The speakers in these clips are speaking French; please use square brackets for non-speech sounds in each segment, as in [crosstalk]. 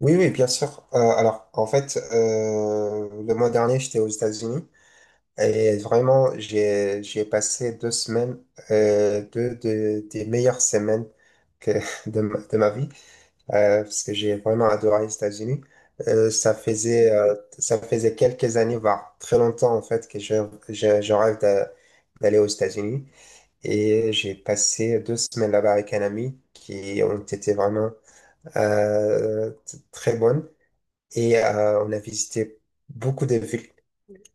Oui, oui, bien sûr. En fait, le mois dernier, j'étais aux États-Unis et vraiment, j'ai passé deux semaines, des meilleures semaines que [laughs] de ma vie, parce que j'ai vraiment adoré les États-Unis. Ça faisait quelques années, voire très longtemps, en fait, que je rêve d'aller aux États-Unis. Et j'ai passé deux semaines là-bas avec un ami qui ont été vraiment très bonnes. Et on a visité beaucoup de villes.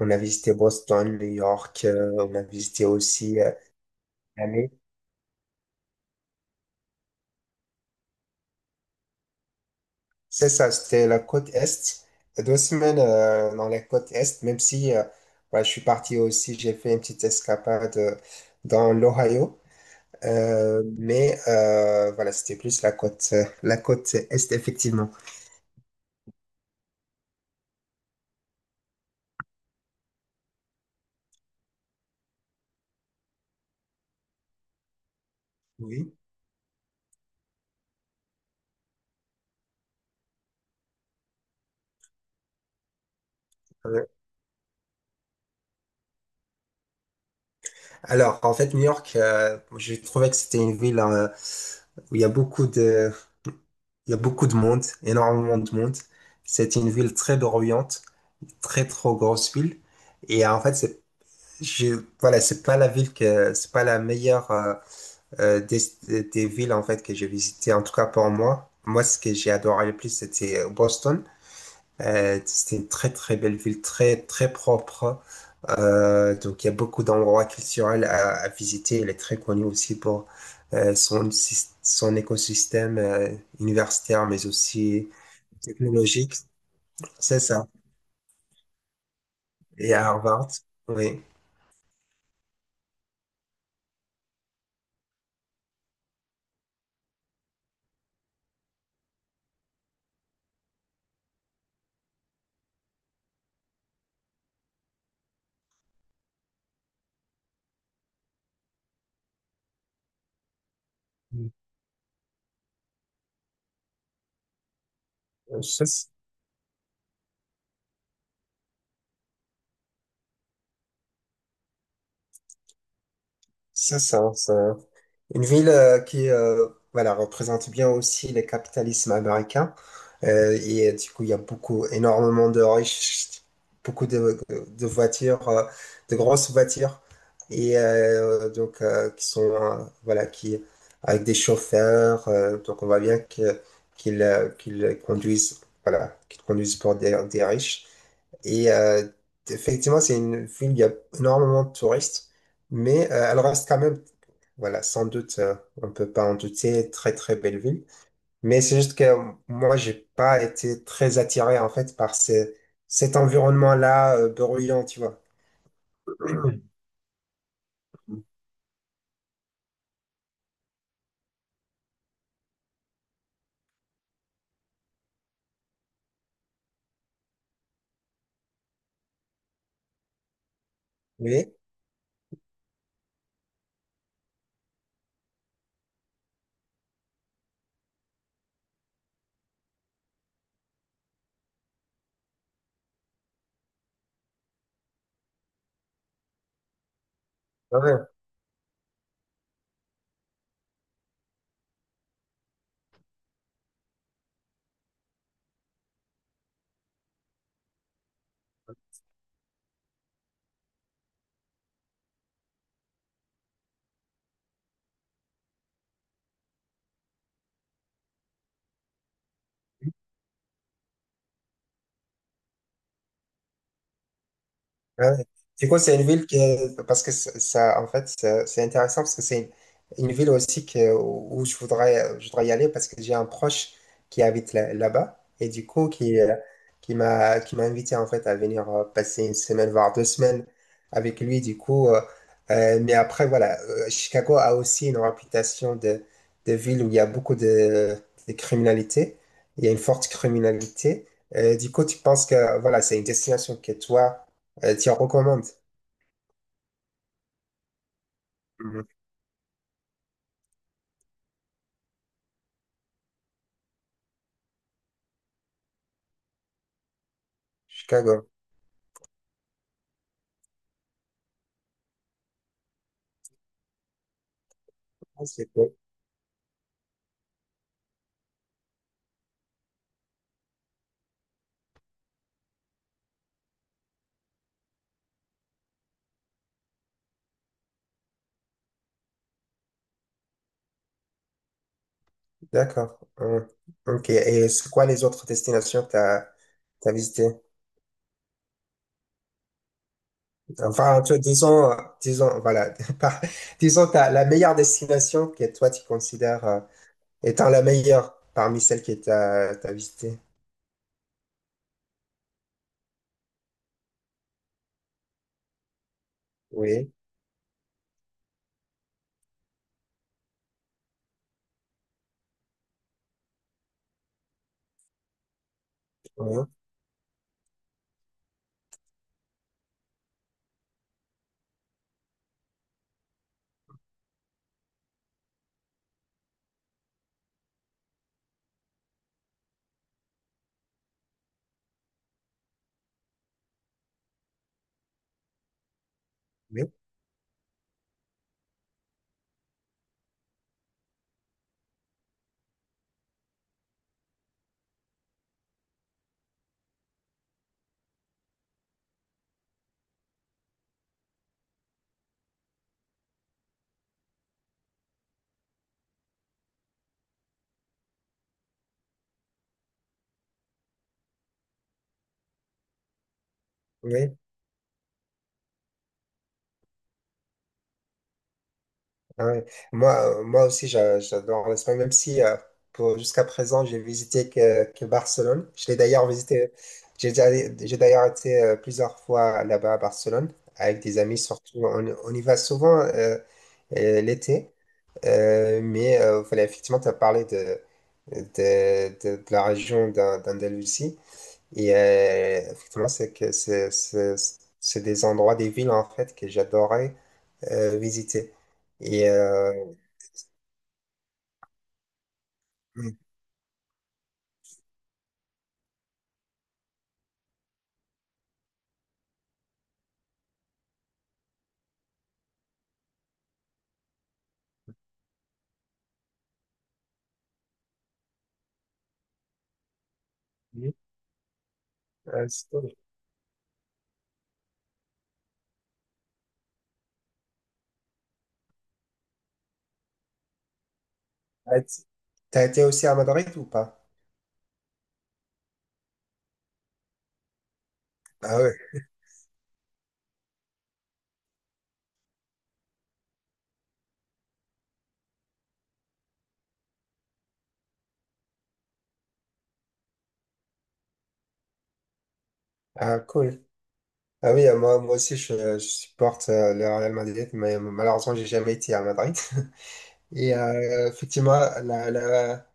On a visité Boston, New York, on a visité aussi Miami. C'est ça, c'était la côte Est. Deux semaines dans la côte Est, même si ouais, je suis parti aussi, j'ai fait une petite escapade dans l'Ohio. Voilà, c'était plus la côte Est, effectivement. Oui. Euh, Alors, en fait, New York, je trouvais que c'était une ville où il y a beaucoup de monde, énormément de monde. C'est une ville très bruyante, très trop grosse ville. Et en fait, voilà, c'est pas la meilleure euh, des, des villes en fait que j'ai visitées, en tout cas pour moi. Moi, ce que j'ai adoré le plus, c'était Boston. C'était une très très belle ville, très très propre. Donc il y a beaucoup d'endroits culturels à visiter. Elle est très connue aussi pour son écosystème universitaire, mais aussi technologique, c'est ça. Et à Harvard, oui. Euh, C'est c'est ça, c'est une ville qui, voilà, représente bien aussi le capitalisme américain. Et du coup, il y a beaucoup, énormément de riches, de voitures, de grosses voitures, et donc qui sont voilà, qui avec des chauffeurs. Donc on voit bien que qu'ils qu'ils conduisent, voilà, qu'ils conduisent pour des riches. Et effectivement, c'est une ville où il y a énormément de touristes, mais elle reste quand même, voilà, sans doute, on peut pas en douter, très très belle ville. Mais c'est juste que moi, j'ai pas été très attiré en fait par cet environnement-là bruyant, tu vois. [clears throat] Mhm. Oui. Ouais. Ah ouais. Du coup, c'est une ville qui est, parce que ça- en fait, c'est intéressant parce que c'est une ville aussi que, où je voudrais y aller parce que j'ai un proche qui habite là-bas et du coup, qui m'a invité en fait à venir passer une semaine, voire deux semaines avec lui. Mais après, voilà, Chicago a aussi une réputation de ville où il y a de criminalité. Il y a une forte criminalité. Du coup, tu penses que, voilà, c'est une destination que toi, elle t'y recommande. Mhm. Chicago. Ah, c'est cool. D'accord. Hum. Ok. Et c'est quoi les autres destinations que tu as visitées? Enfin, disons, voilà, [laughs] par- disons t'as la meilleure destination que toi tu considères étant la meilleure parmi celles que tu as visitées. Oui. Oui. Oui. Oui. Ah ouais. Moi, moi aussi, j'adore l'Espagne, même si jusqu'à présent, j'ai visité que Barcelone. Je l'ai d'ailleurs visité, j'ai déjà- j'ai d'ailleurs été plusieurs fois là-bas à Barcelone, avec des amis surtout. On y va souvent l'été. Voilà, effectivement, tu as parlé de la région d'Andalousie. Et effectivement, c'est que c'est des endroits, des villes en fait que j'adorais visiter. Et Mhm. Ah, c'est cool. Ah, t- T'as été aussi à Madrid ou pas? Ah ouais, ah cool. Ah oui, moi, je supporte le Real Madrid, mais malheureusement j'ai jamais été à Madrid. [laughs] Et effectivement, la- la-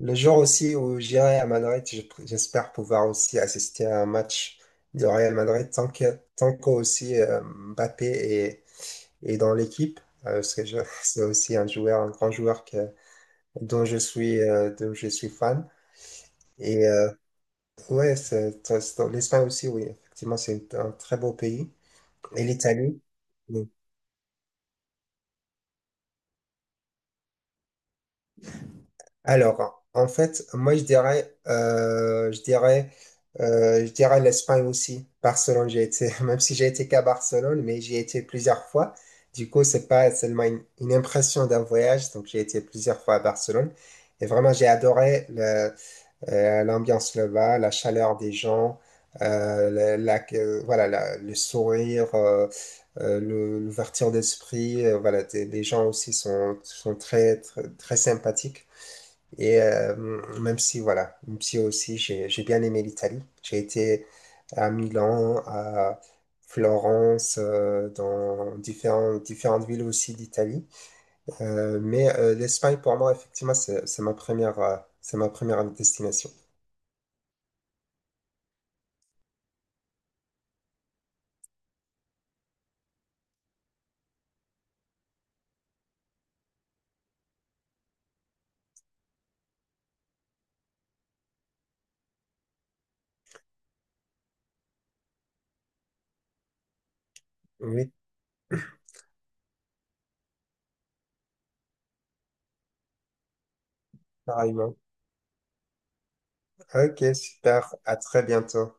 le jour aussi où j'irai à Madrid, j'espère pouvoir aussi assister à un match du Real Madrid tant qu'aussi Mbappé est, est dans l'équipe, parce que je- [laughs] c'est aussi un joueur, un grand joueur que, dont je suis fan. Et Ouais, l'Espagne aussi, oui, effectivement, c'est un très beau pays. Et l'Italie? Oui. Alors, en fait, moi, je dirais l'Espagne aussi. Barcelone, j'ai été, [laughs] même si j'ai été qu'à Barcelone, mais j'y ai été plusieurs fois. Du coup, c'est pas seulement une impression d'un voyage, donc j'ai été plusieurs fois à Barcelone. Et vraiment, j'ai adoré l'ambiance là-bas, la chaleur des gens, voilà, le sourire, l'ouverture d'esprit, voilà, les gens aussi sont très, très, très sympathiques. Et même si, voilà, même si aussi j'ai bien aimé l'Italie, j'ai été à Milan, à Florence, dans différentes différentes villes aussi d'Italie. L'Espagne, pour moi, effectivement, c'est ma première destination. Oui, pareillement. Ok, super. À très bientôt.